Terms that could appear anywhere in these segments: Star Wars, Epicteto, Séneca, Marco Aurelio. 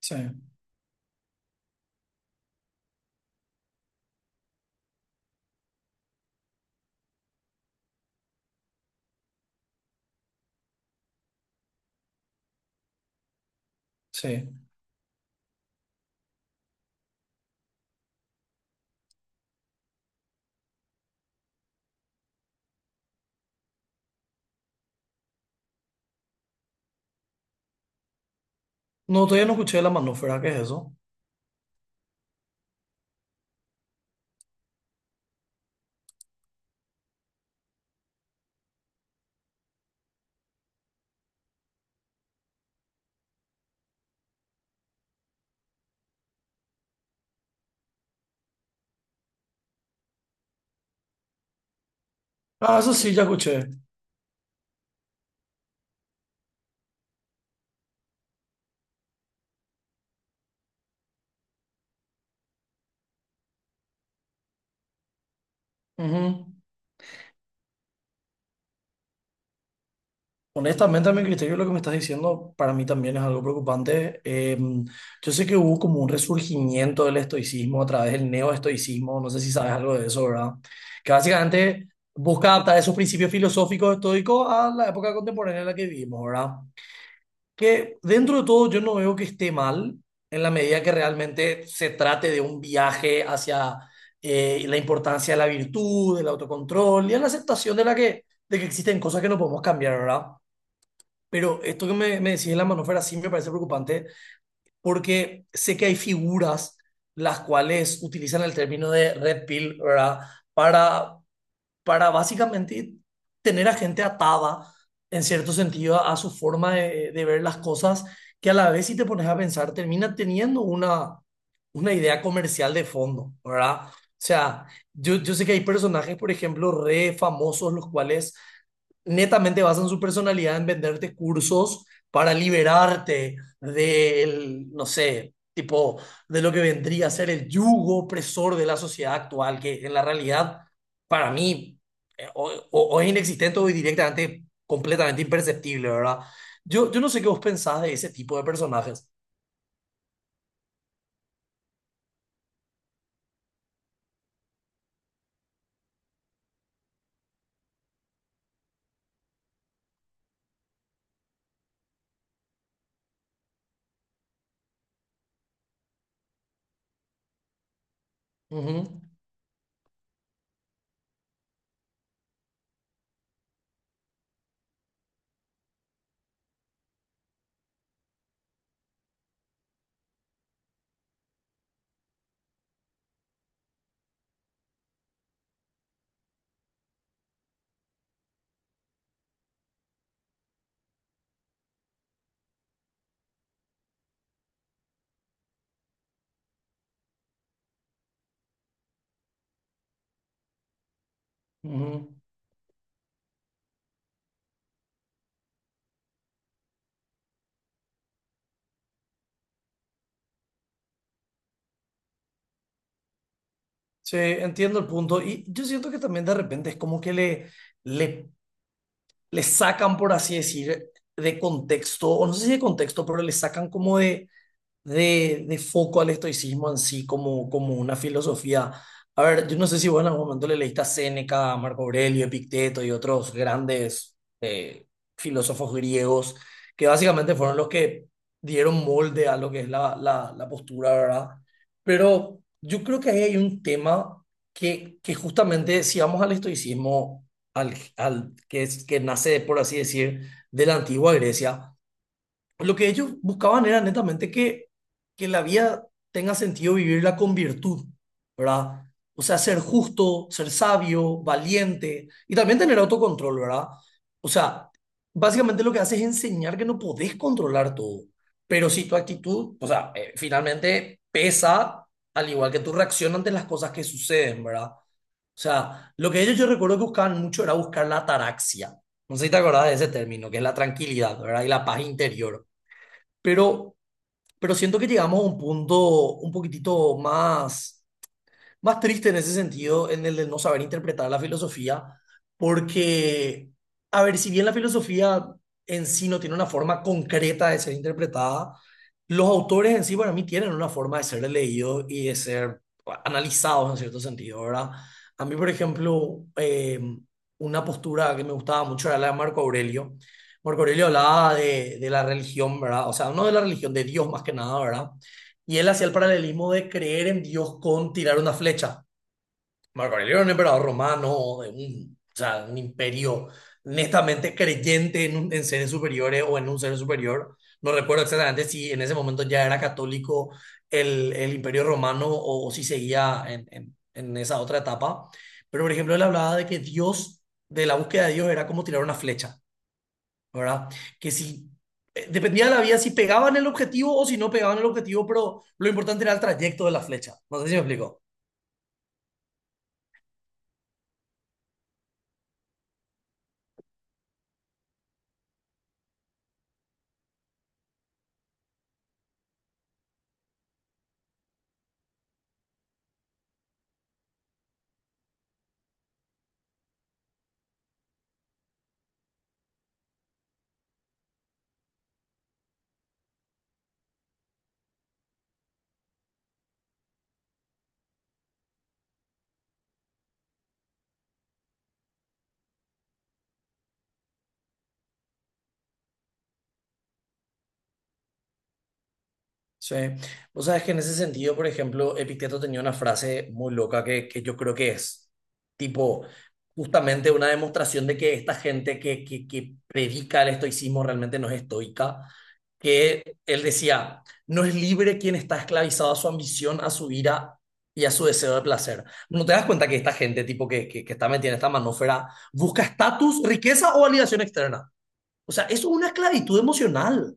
Sí, sí. No, todavía no escuché la manúfera, ¿qué es eso? Ah, eso sí, ya escuché. Ujú. Honestamente, a mi criterio, lo que me estás diciendo para mí también es algo preocupante. Yo sé que hubo como un resurgimiento del estoicismo a través del neoestoicismo, no sé si sabes algo de eso, ¿verdad? Que básicamente busca adaptar esos principios filosóficos estoicos a la época contemporánea en la que vivimos, ¿verdad? Que dentro de todo yo no veo que esté mal en la medida que realmente se trate de un viaje hacia la importancia de la virtud, del autocontrol y a la aceptación de que existen cosas que no podemos cambiar, ¿verdad? Pero esto que me decís de la manósfera sí me parece preocupante porque sé que hay figuras las cuales utilizan el término de red pill, ¿verdad? Para para básicamente tener a gente atada, en cierto sentido, a su forma de ver las cosas, que a la vez si te pones a pensar, termina teniendo una idea comercial de fondo, ¿verdad? O sea, yo sé que hay personajes, por ejemplo, re famosos, los cuales netamente basan su personalidad en venderte cursos para liberarte del, no sé, tipo, de lo que vendría a ser el yugo opresor de la sociedad actual, que en la realidad para mí, o es inexistente o es directamente completamente imperceptible, ¿verdad? Yo no sé qué vos pensás de ese tipo de personajes. Ujú, ujú. Sí, entiendo el punto. Y yo siento que también de repente es como que le, le sacan, por así decir, de contexto, o no sé si de contexto, pero le sacan como de foco al estoicismo en sí como una filosofía. A ver, yo no sé si vos en algún momento le leíste a Séneca, a Marco Aurelio, Epicteto y otros grandes eh, filósofos griegos, que básicamente fueron los que dieron molde a lo que es la postura, ¿verdad? Pero yo creo que ahí hay un tema que justamente si vamos al estoicismo, que nace, por así decir, de la antigua Grecia, lo que ellos buscaban era netamente que la vida tenga sentido vivirla con virtud, ¿verdad? O sea, ser justo, ser sabio, valiente y también tener autocontrol, ¿verdad? O sea, básicamente lo que hace es enseñar que no podés controlar todo, pero si tu actitud, o sea, finalmente pesa al igual que tu reacción ante las cosas que suceden, ¿verdad? O sea, lo que ellos yo recuerdo que buscaban mucho era buscar la ataraxia. No sé si te acordás de ese término, que es la tranquilidad, ¿verdad? Y la paz interior, pero, pero siento que llegamos a un punto un poquitito más triste en ese sentido, en el de no saber interpretar la filosofía, porque, a ver, si bien la filosofía en sí no tiene una forma concreta de ser interpretada, los autores en sí para mí tienen una forma de ser leídos y de ser analizados en cierto sentido, ¿verdad? A mí, por ejemplo, una postura que me gustaba mucho era la de Marco Aurelio. Marco Aurelio hablaba de la religión, ¿verdad? O sea, no de la religión, de Dios más que nada, ¿verdad? Y él hacía el paralelismo de creer en Dios con tirar una flecha. Marco Aurelio era un emperador romano, de o sea, un imperio netamente creyente en seres superiores o en un ser superior. No recuerdo exactamente si en ese momento ya era católico el imperio romano, o si seguía en esa otra etapa. Pero, por ejemplo, él hablaba de que Dios, de la búsqueda de Dios, era como tirar una flecha. ¿Verdad? Que si dependía de la vía si pegaban el objetivo o si no pegaban el objetivo, pero lo importante era el trayecto de la flecha. No sé si me explico. Sí, vos sabes que en ese sentido, por ejemplo, Epicteto tenía una frase muy loca que yo creo que es tipo justamente una demostración de que esta gente que predica el estoicismo realmente no es estoica, que él decía, no es libre quien está esclavizado a su ambición, a su ira y a su deseo de placer. ¿No te das cuenta que esta gente tipo que está metida en esta manósfera busca estatus, riqueza o validación externa? O sea, es una esclavitud emocional.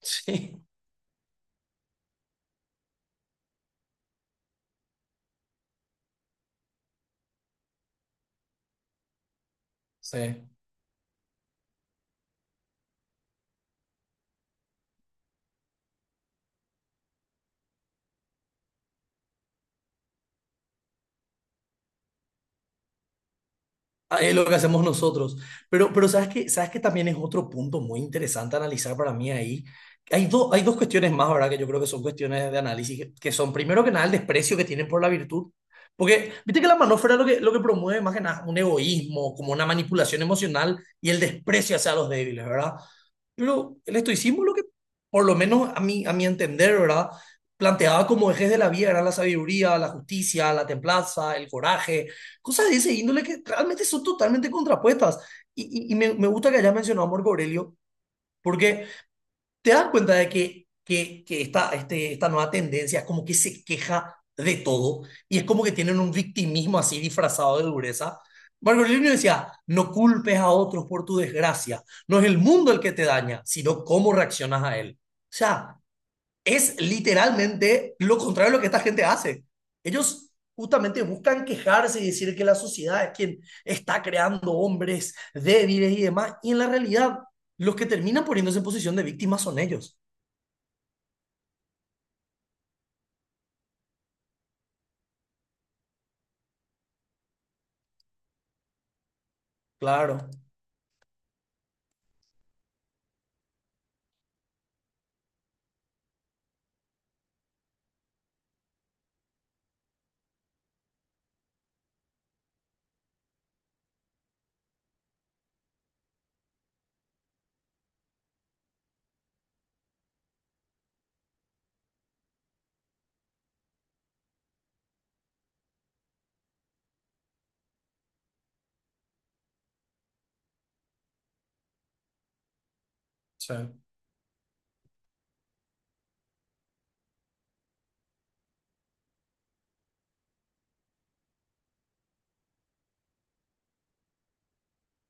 Sí. Sí. Ah, es lo que hacemos nosotros. Pero ¿Sabes que también es otro punto muy interesante a analizar para mí ahí? Hay dos cuestiones más, ¿verdad? Que yo creo que son cuestiones de análisis, que son, primero que nada, el desprecio que tienen por la virtud. Porque, viste que la manósfera lo que promueve más que nada un egoísmo, como una manipulación emocional y el desprecio hacia los débiles, ¿verdad? Pero el estoicismo lo que, por lo menos a mí, a mi entender, ¿verdad? Planteaba como ejes de la vida, era la sabiduría, la justicia, la templanza, el coraje. Cosas de ese índole que realmente son totalmente contrapuestas. Y me gusta que hayas mencionado a Marco Aurelio, porque te das cuenta de que esta nueva tendencia es como que se queja de todo y es como que tienen un victimismo así disfrazado de dureza. Marco Aurelio decía, no culpes a otros por tu desgracia, no es el mundo el que te daña, sino cómo reaccionas a él. O sea, es literalmente lo contrario a lo que esta gente hace. Ellos justamente buscan quejarse y decir que la sociedad es quien está creando hombres débiles y demás, y en la realidad los que terminan poniéndose en posición de víctimas son ellos. Claro, sí,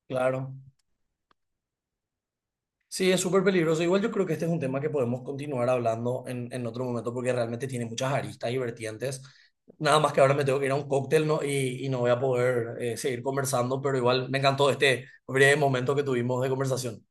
claro. Sí, es súper peligroso. Igual yo creo que este es un tema que podemos continuar hablando en otro momento porque realmente tiene muchas aristas y vertientes. Nada más que ahora me tengo que ir a un cóctel, ¿no? Y no voy a poder seguir conversando, pero igual me encantó este breve momento que tuvimos de conversación.